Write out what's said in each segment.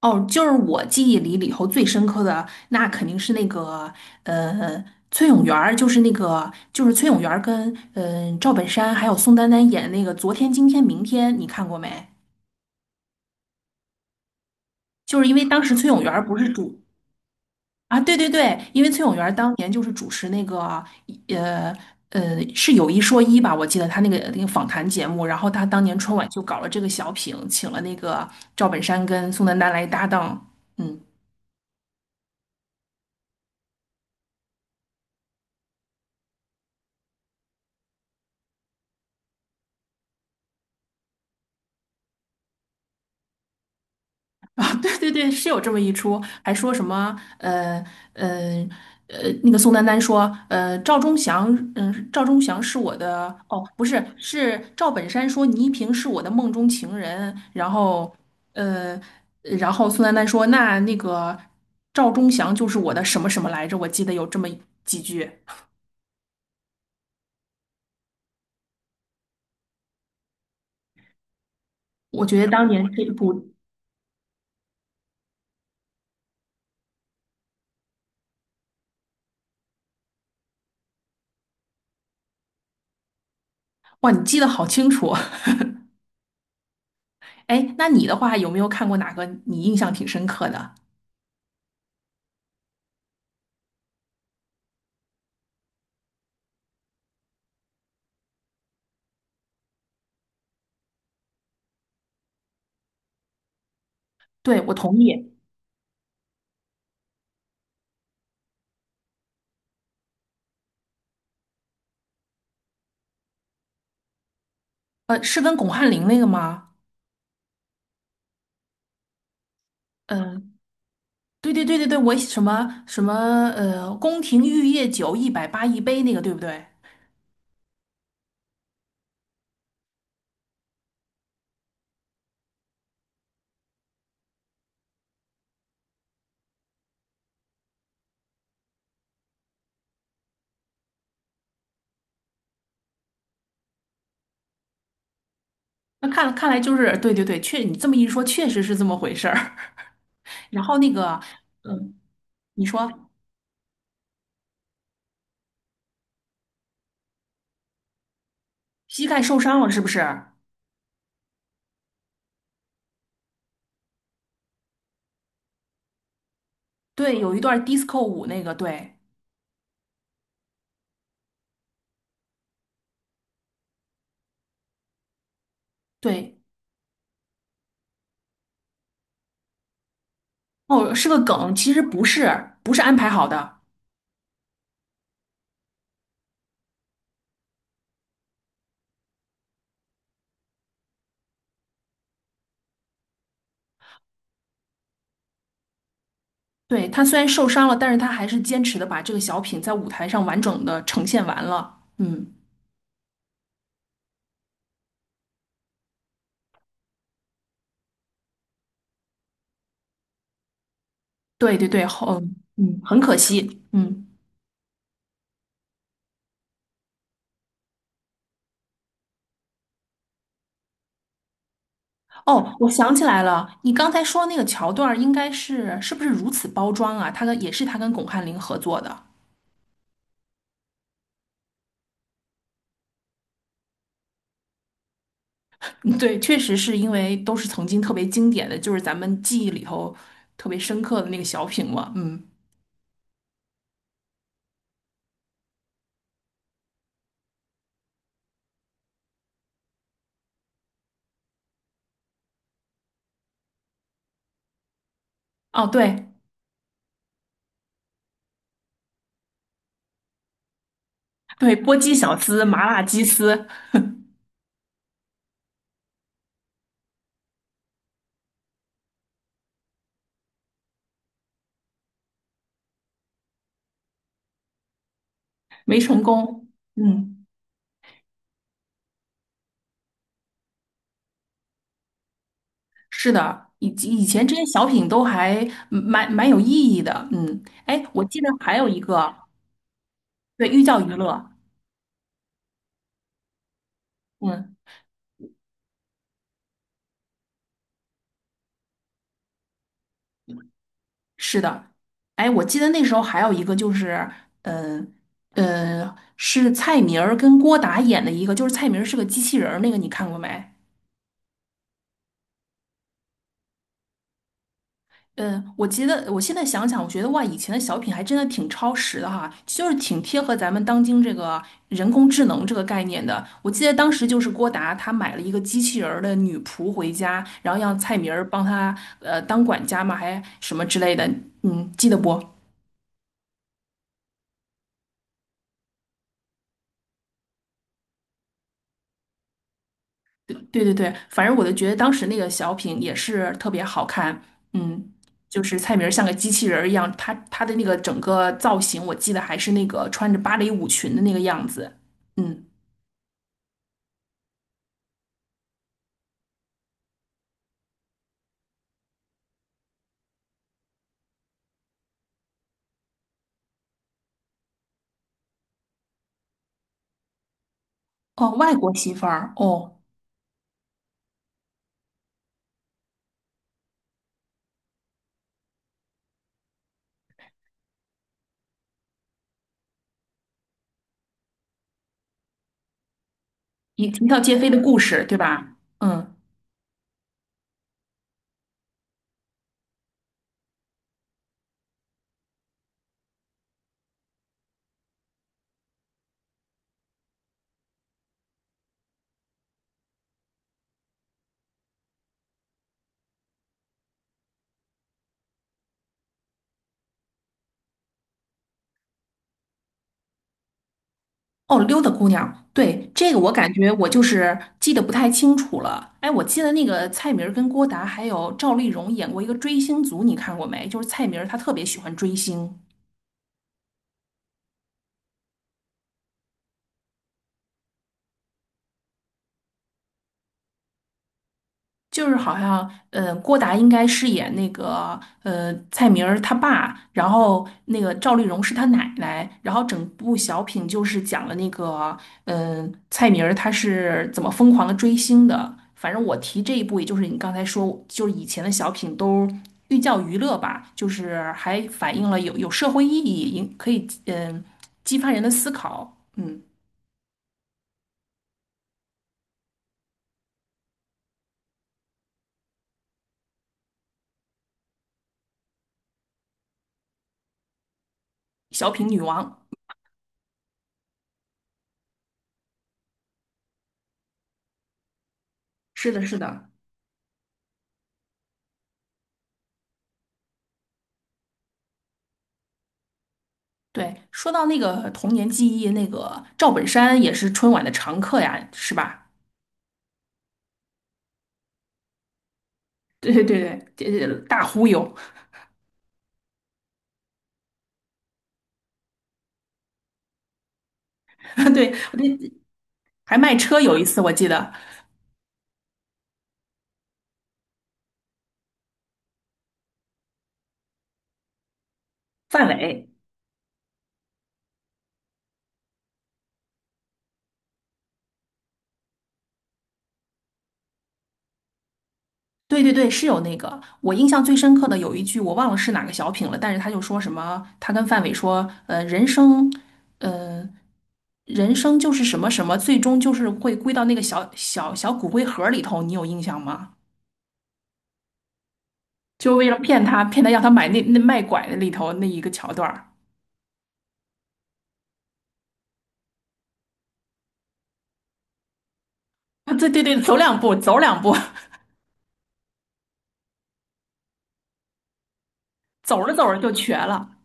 哦，就是我记忆里头最深刻的，那肯定是那个呃，崔永元儿就是那个就是崔永元儿跟赵本山还有宋丹丹演的那个《昨天、今天、明天》，你看过没？就是因为当时崔永元儿不是主啊，对对对，因为崔永元儿当年就是主持那个呃是有一说一吧，我记得他那个访谈节目，然后他当年春晚就搞了这个小品，请了那个赵本山跟宋丹丹来搭档。嗯。对对对，是有这么一出，还说什么呃那个宋丹丹说，赵忠祥是我的，哦，不是，是赵本山说倪萍是我的梦中情人。然后呃，宋丹丹说，那个赵忠祥就是我的什么什么来着？我记得有这么几句。我觉得当年这一部，哇，你记得好清楚。哎，那你的话有没有看过哪个你印象挺深刻的？对，我同意。是跟巩汉林那个吗？嗯、对对对对对，我什么什么宫廷玉液酒180一杯那个，对不对？那看来就是对对对，你这么一说，确实是这么回事儿。然后那个，嗯，你说膝盖受伤了是不是？对，有一段 disco 舞那个，对对，哦，是个梗，其实不是，不是安排好的。对，他虽然受伤了，但是他还是坚持的把这个小品在舞台上完整的呈现完了。嗯。对对对，好。嗯，很可惜。嗯，哦，我想起来了，你刚才说那个桥段儿应该是不是如此包装啊？也是他跟巩汉林合作的。嗯对，确实是因为都是曾经特别经典的，就是咱们记忆里头特别深刻的那个小品嘛。嗯，哦，对对，波鸡小丝、麻辣鸡丝没成功。嗯，是的。以及以前这些小品都还蛮有意义的。嗯，哎，我记得还有一个。对，寓教于乐。嗯。是的。哎，我记得那时候还有一个就是，嗯是蔡明儿跟郭达演的一个，就是蔡明儿是个机器人儿，那个你看过没？嗯，我记得我现在想想，我觉得哇，以前的小品还真的挺超时的哈，就是挺贴合咱们当今这个人工智能这个概念的。我记得当时就是郭达他买了一个机器人儿的女仆回家，然后让蔡明儿帮他当管家嘛，还什么之类的。嗯，记得不？对对对，反正我就觉得当时那个小品也是特别好看。嗯，就是蔡明儿像个机器人儿一样，他的那个整个造型，我记得还是那个穿着芭蕾舞裙的那个样子。嗯，哦，外国媳妇儿。哦，一条街飞的故事，对吧？嗯，哦，溜达姑娘。对，这个我感觉我就是记得不太清楚了。哎，我记得那个蔡明儿跟郭达还有赵丽蓉演过一个《追星族》，你看过没？就是蔡明儿他特别喜欢追星。就是好像，郭达应该饰演那个，蔡明儿他爸，然后那个赵丽蓉是他奶奶，然后整部小品就是讲了那个，蔡明儿他是怎么疯狂的追星的。反正我提这一部，也就是你刚才说，就是以前的小品都寓教于乐吧，就是还反映了有社会意义，也可以激发人的思考。嗯，小品女王。是的，是的。对，说到那个童年记忆，那个赵本山也是春晚的常客呀，是吧？对对对对，这大忽悠。对，我这还卖车有一次我记得，范伟。对对对，是有那个。我印象最深刻的有一句我忘了是哪个小品了，但是他就说什么，他跟范伟说，呃，人生就是什么什么，最终就是会归到那个小骨灰盒里头，你有印象吗？就为了骗他，骗他让他买那卖拐的里头那一个桥段儿。啊，对对对，走两步，走两步。走着走着就瘸了。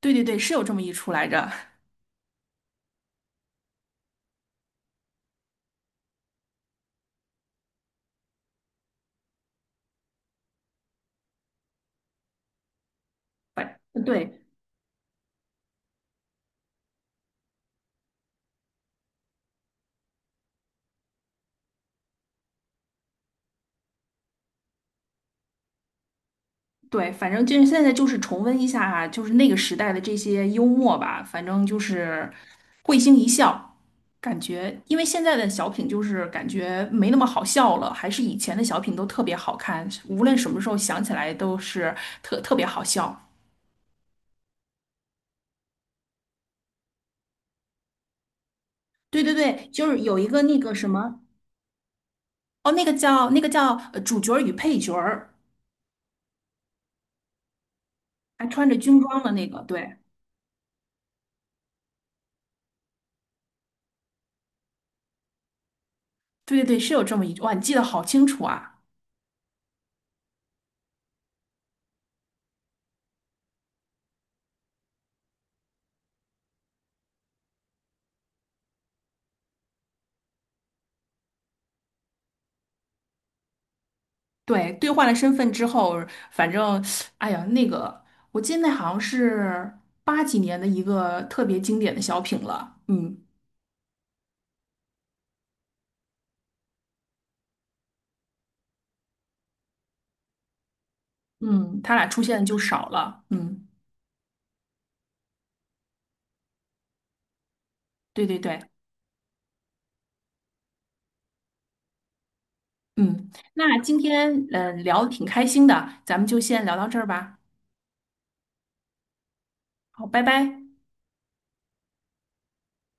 对对对，是有这么一出来着。反对对，反正就是现在就是重温一下啊，就是那个时代的这些幽默吧。反正就是会心一笑，感觉因为现在的小品就是感觉没那么好笑了，还是以前的小品都特别好看，无论什么时候想起来都是特别好笑。对对对，就是有一个那个什么。哦，那个叫主角儿与配角儿，还穿着军装的那个，对。对对对，是有这么一句。哇，你记得好清楚啊！对，兑换了身份之后。反正，哎呀，那个，我记得那好像是八几年的一个特别经典的小品了。嗯。嗯，他俩出现的就少了。嗯，对对对。嗯，那今天聊的挺开心的，咱们就先聊到这儿吧。好，拜拜。